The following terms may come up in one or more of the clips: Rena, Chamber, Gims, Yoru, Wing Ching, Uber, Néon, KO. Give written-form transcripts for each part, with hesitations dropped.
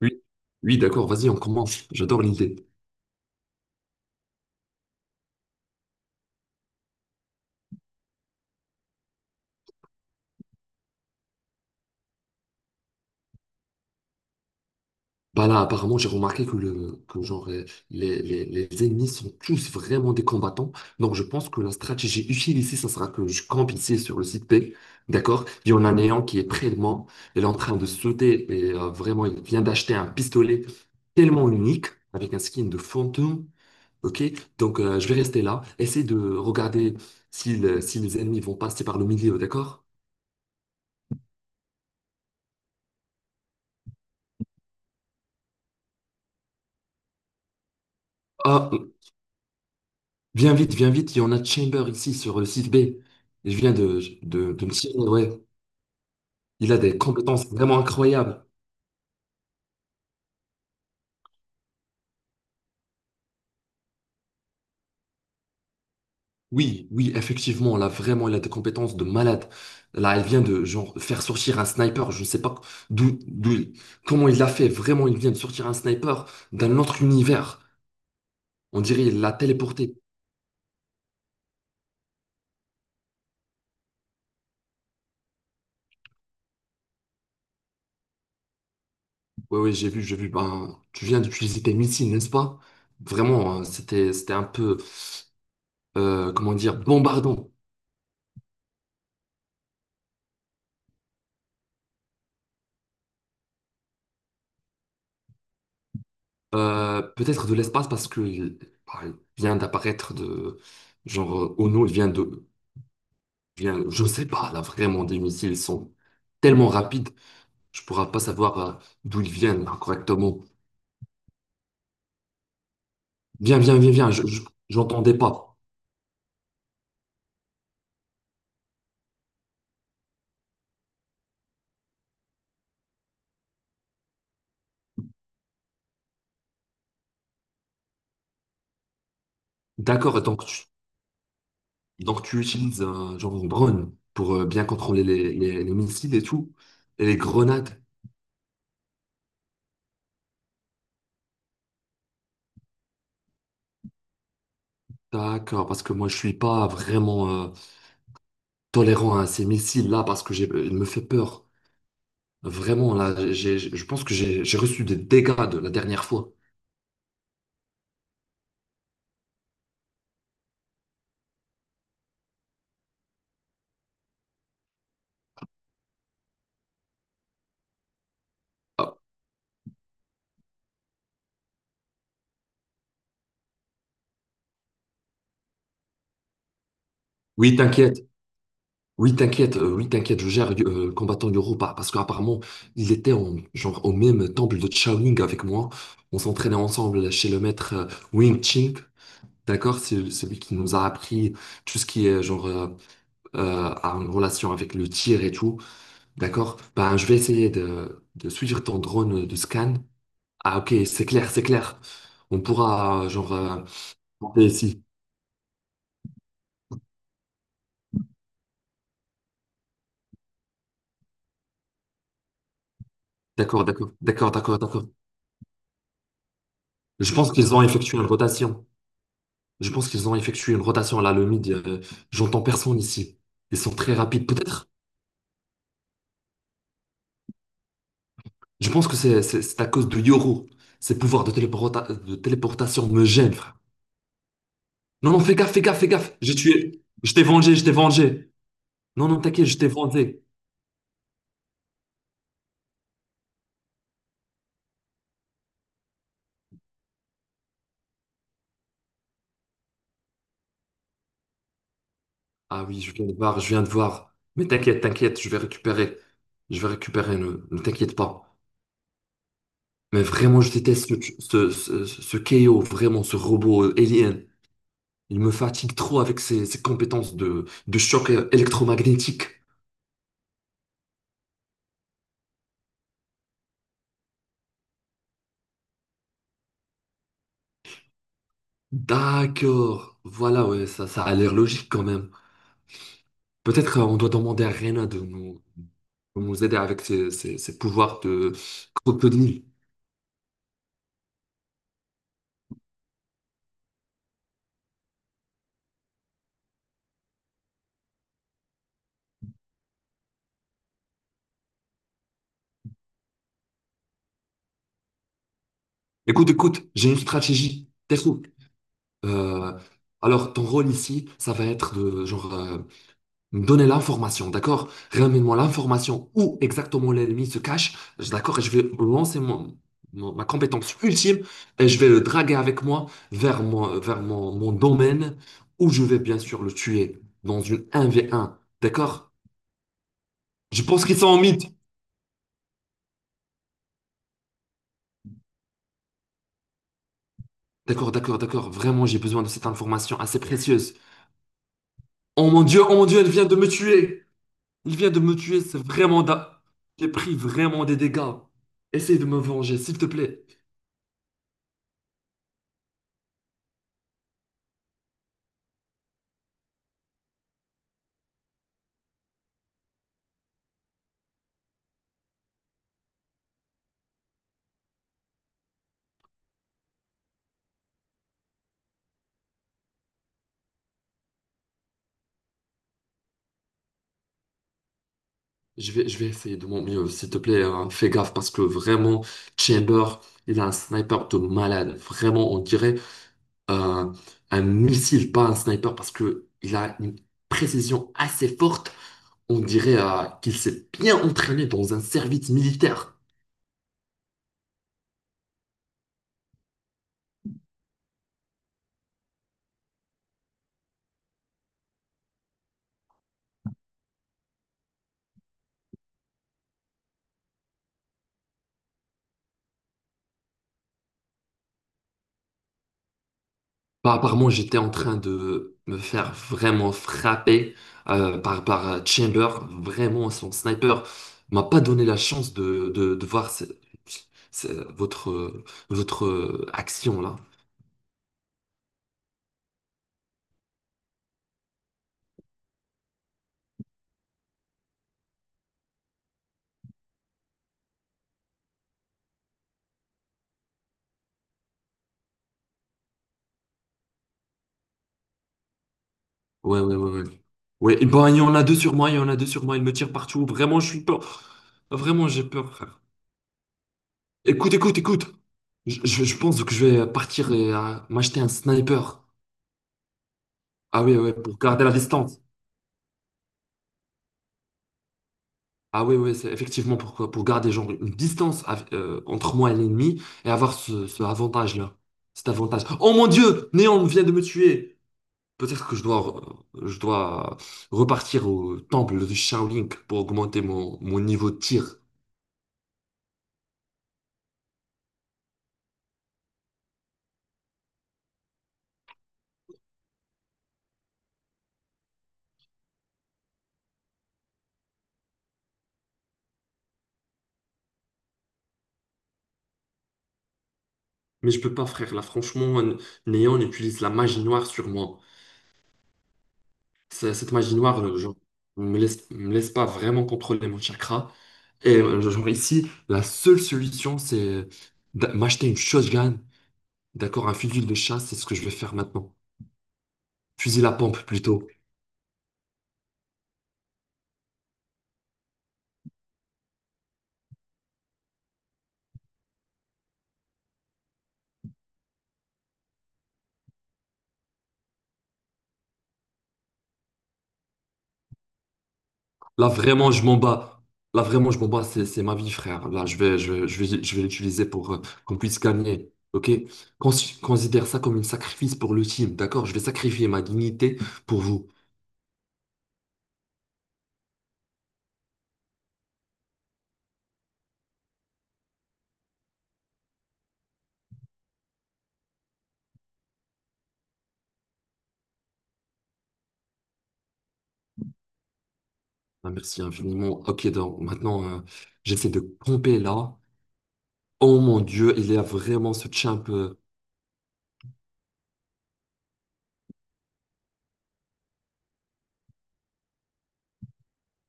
Oui, oui, d'accord, vas-y, on commence. J'adore l'idée. Bah là, apparemment, j'ai remarqué que les ennemis sont tous vraiment des combattants. Donc, je pense que la stratégie utile ici, ça sera que je campe ici sur le site B. D'accord? Il y en a un néant qui est près de moi. Il est en train de sauter et vraiment, il vient d'acheter un pistolet tellement unique avec un skin de fantôme. Ok? Donc, je vais rester là. Essaye de regarder si, si les ennemis vont passer par le milieu. D'accord? Ah, viens vite, viens vite, il y en a Chamber ici sur le site B. Et je viens de me tirer, ouais. Il a des compétences vraiment incroyables. Oui, oui, effectivement, là, vraiment, il a des compétences de malade. Là, elle vient de, genre, faire sortir un sniper. Je ne sais pas d'où, d'où, il- comment il l'a fait. Vraiment, il vient de sortir un sniper d'un autre univers. On dirait il l'a téléporté. Ouais, ouais, j'ai vu, j'ai vu. Ben, tu viens d'utiliser tes missiles, n'est-ce pas? Vraiment, hein, c'était un peu, comment dire, bombardant. Peut-être de l'espace parce qu'il bah, il vient d'apparaître de genre Ono, il vient de vient, je sais pas là vraiment des missiles sont tellement rapides, je pourrais pas savoir d'où ils viennent là, correctement. Je j'entendais pas. D'accord, donc tu utilises genre une drone pour bien contrôler les missiles et tout et les grenades. D'accord, parce que moi je suis pas vraiment tolérant à ces missiles là parce que j'ai, il me fait peur. Vraiment, là, je pense que j'ai reçu des dégâts de la dernière fois. Ah, oui, t'inquiète. Oui, t'inquiète. Oui, t'inquiète. Je gère combattant Yoro parce qu'apparemment, il était en, genre, au même temple de Shaolin avec moi. On s'entraînait ensemble chez le maître Wing Ching. D'accord? C'est celui qui nous a appris tout ce qui est genre en relation avec le tir et tout. D'accord? Ben, je vais essayer de suivre ton drone de scan. Ah, ok, c'est clair, c'est clair. On pourra, genre, monter ici. D'accord. Je pense qu'ils ont effectué une rotation. Je pense qu'ils ont effectué une rotation là, le mid. J'entends personne ici. Ils sont très rapides, peut-être. Je pense que c'est à cause de Yoru. Ses pouvoirs de de téléportation me gênent, frère. Non, non, fais gaffe, fais gaffe, fais gaffe. J'ai tué. Je t'ai vengé, je t'ai vengé. Non, non, t'inquiète, je t'ai vengé. Ah oui, je viens de voir, je viens de voir. Mais t'inquiète, t'inquiète, je vais récupérer. Je vais récupérer, ne t'inquiète pas. Mais vraiment, je déteste ce KO, vraiment, ce robot alien. Il me fatigue trop avec ses, ses compétences de choc électromagnétique. D'accord. Voilà, ouais, ça a l'air logique quand même. Peut-être on doit demander à Rena de nous aider avec ses, ses pouvoirs de crocodile. Écoute, écoute, j'ai une stratégie. T'es fou. Euh, alors, ton rôle ici, ça va être de genre donnez l'information, d'accord? Ramène-moi l'information où exactement l'ennemi se cache, d'accord? Et je vais lancer ma compétence ultime et je vais le draguer avec moi mon domaine où je vais bien sûr le tuer dans une 1v1, d'accord? Je pense qu'ils sont en mythe. D'accord. Vraiment, j'ai besoin de cette information assez précieuse. Oh mon Dieu, elle vient de me tuer. Il vient de me tuer, c'est vraiment... J'ai pris vraiment des dégâts. Essaye de me venger, s'il te plaît. Je vais essayer de mon mieux, s'il te plaît, hein. Fais gaffe parce que vraiment, Chamber, il a un sniper de malade. Vraiment, on dirait euh, un missile, pas un sniper, parce que il a une précision assez forte. On dirait qu'il s'est bien entraîné dans un service militaire. Bah, apparemment, j'étais en train de me faire vraiment frapper par Chamber. Vraiment, son sniper m'a pas donné la chance de voir ce- votre, euh, votre action là. Ouais. Ouais, et ben, il y en a deux sur moi, il me tire partout. Vraiment, je suis peur. Vraiment, j'ai peur, frère. Écoute, écoute, écoute. Je pense que je vais partir et m'acheter un sniper. Ah oui, ouais, pour garder la distance. Ah oui, oui, c'est effectivement pour garder genre une distance entre moi et l'ennemi et avoir ce avantage-là. Cet avantage. Oh mon Dieu! Néon vient de me tuer! Peut-être que je dois repartir au temple de Shaolin pour augmenter mon niveau de tir. Mais je peux pas, frère. Là, franchement, Néon utilise la magie noire sur moi. Cette magie noire, genre, me laisse pas vraiment contrôler mon chakra. Et genre ici, la seule solution, c'est m'acheter une shotgun. D'accord, un fusil de chasse, c'est ce que je vais faire maintenant. Fusil à pompe plutôt. Là vraiment, je m'en bats. Là vraiment, je m'en bats. C'est ma vie, frère. Là, je vais l'utiliser pour qu'on puisse gagner. Ok? Cons- Considère ça comme un sacrifice pour le team. D'accord? Je vais sacrifier ma dignité pour vous. Ah, merci infiniment. Ok, donc maintenant, j'essaie de pomper là. Oh mon Dieu, il y a vraiment ce champ.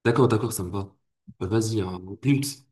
D'accord, d'accord, ça me va. Bah, vas-y, hein, au plus.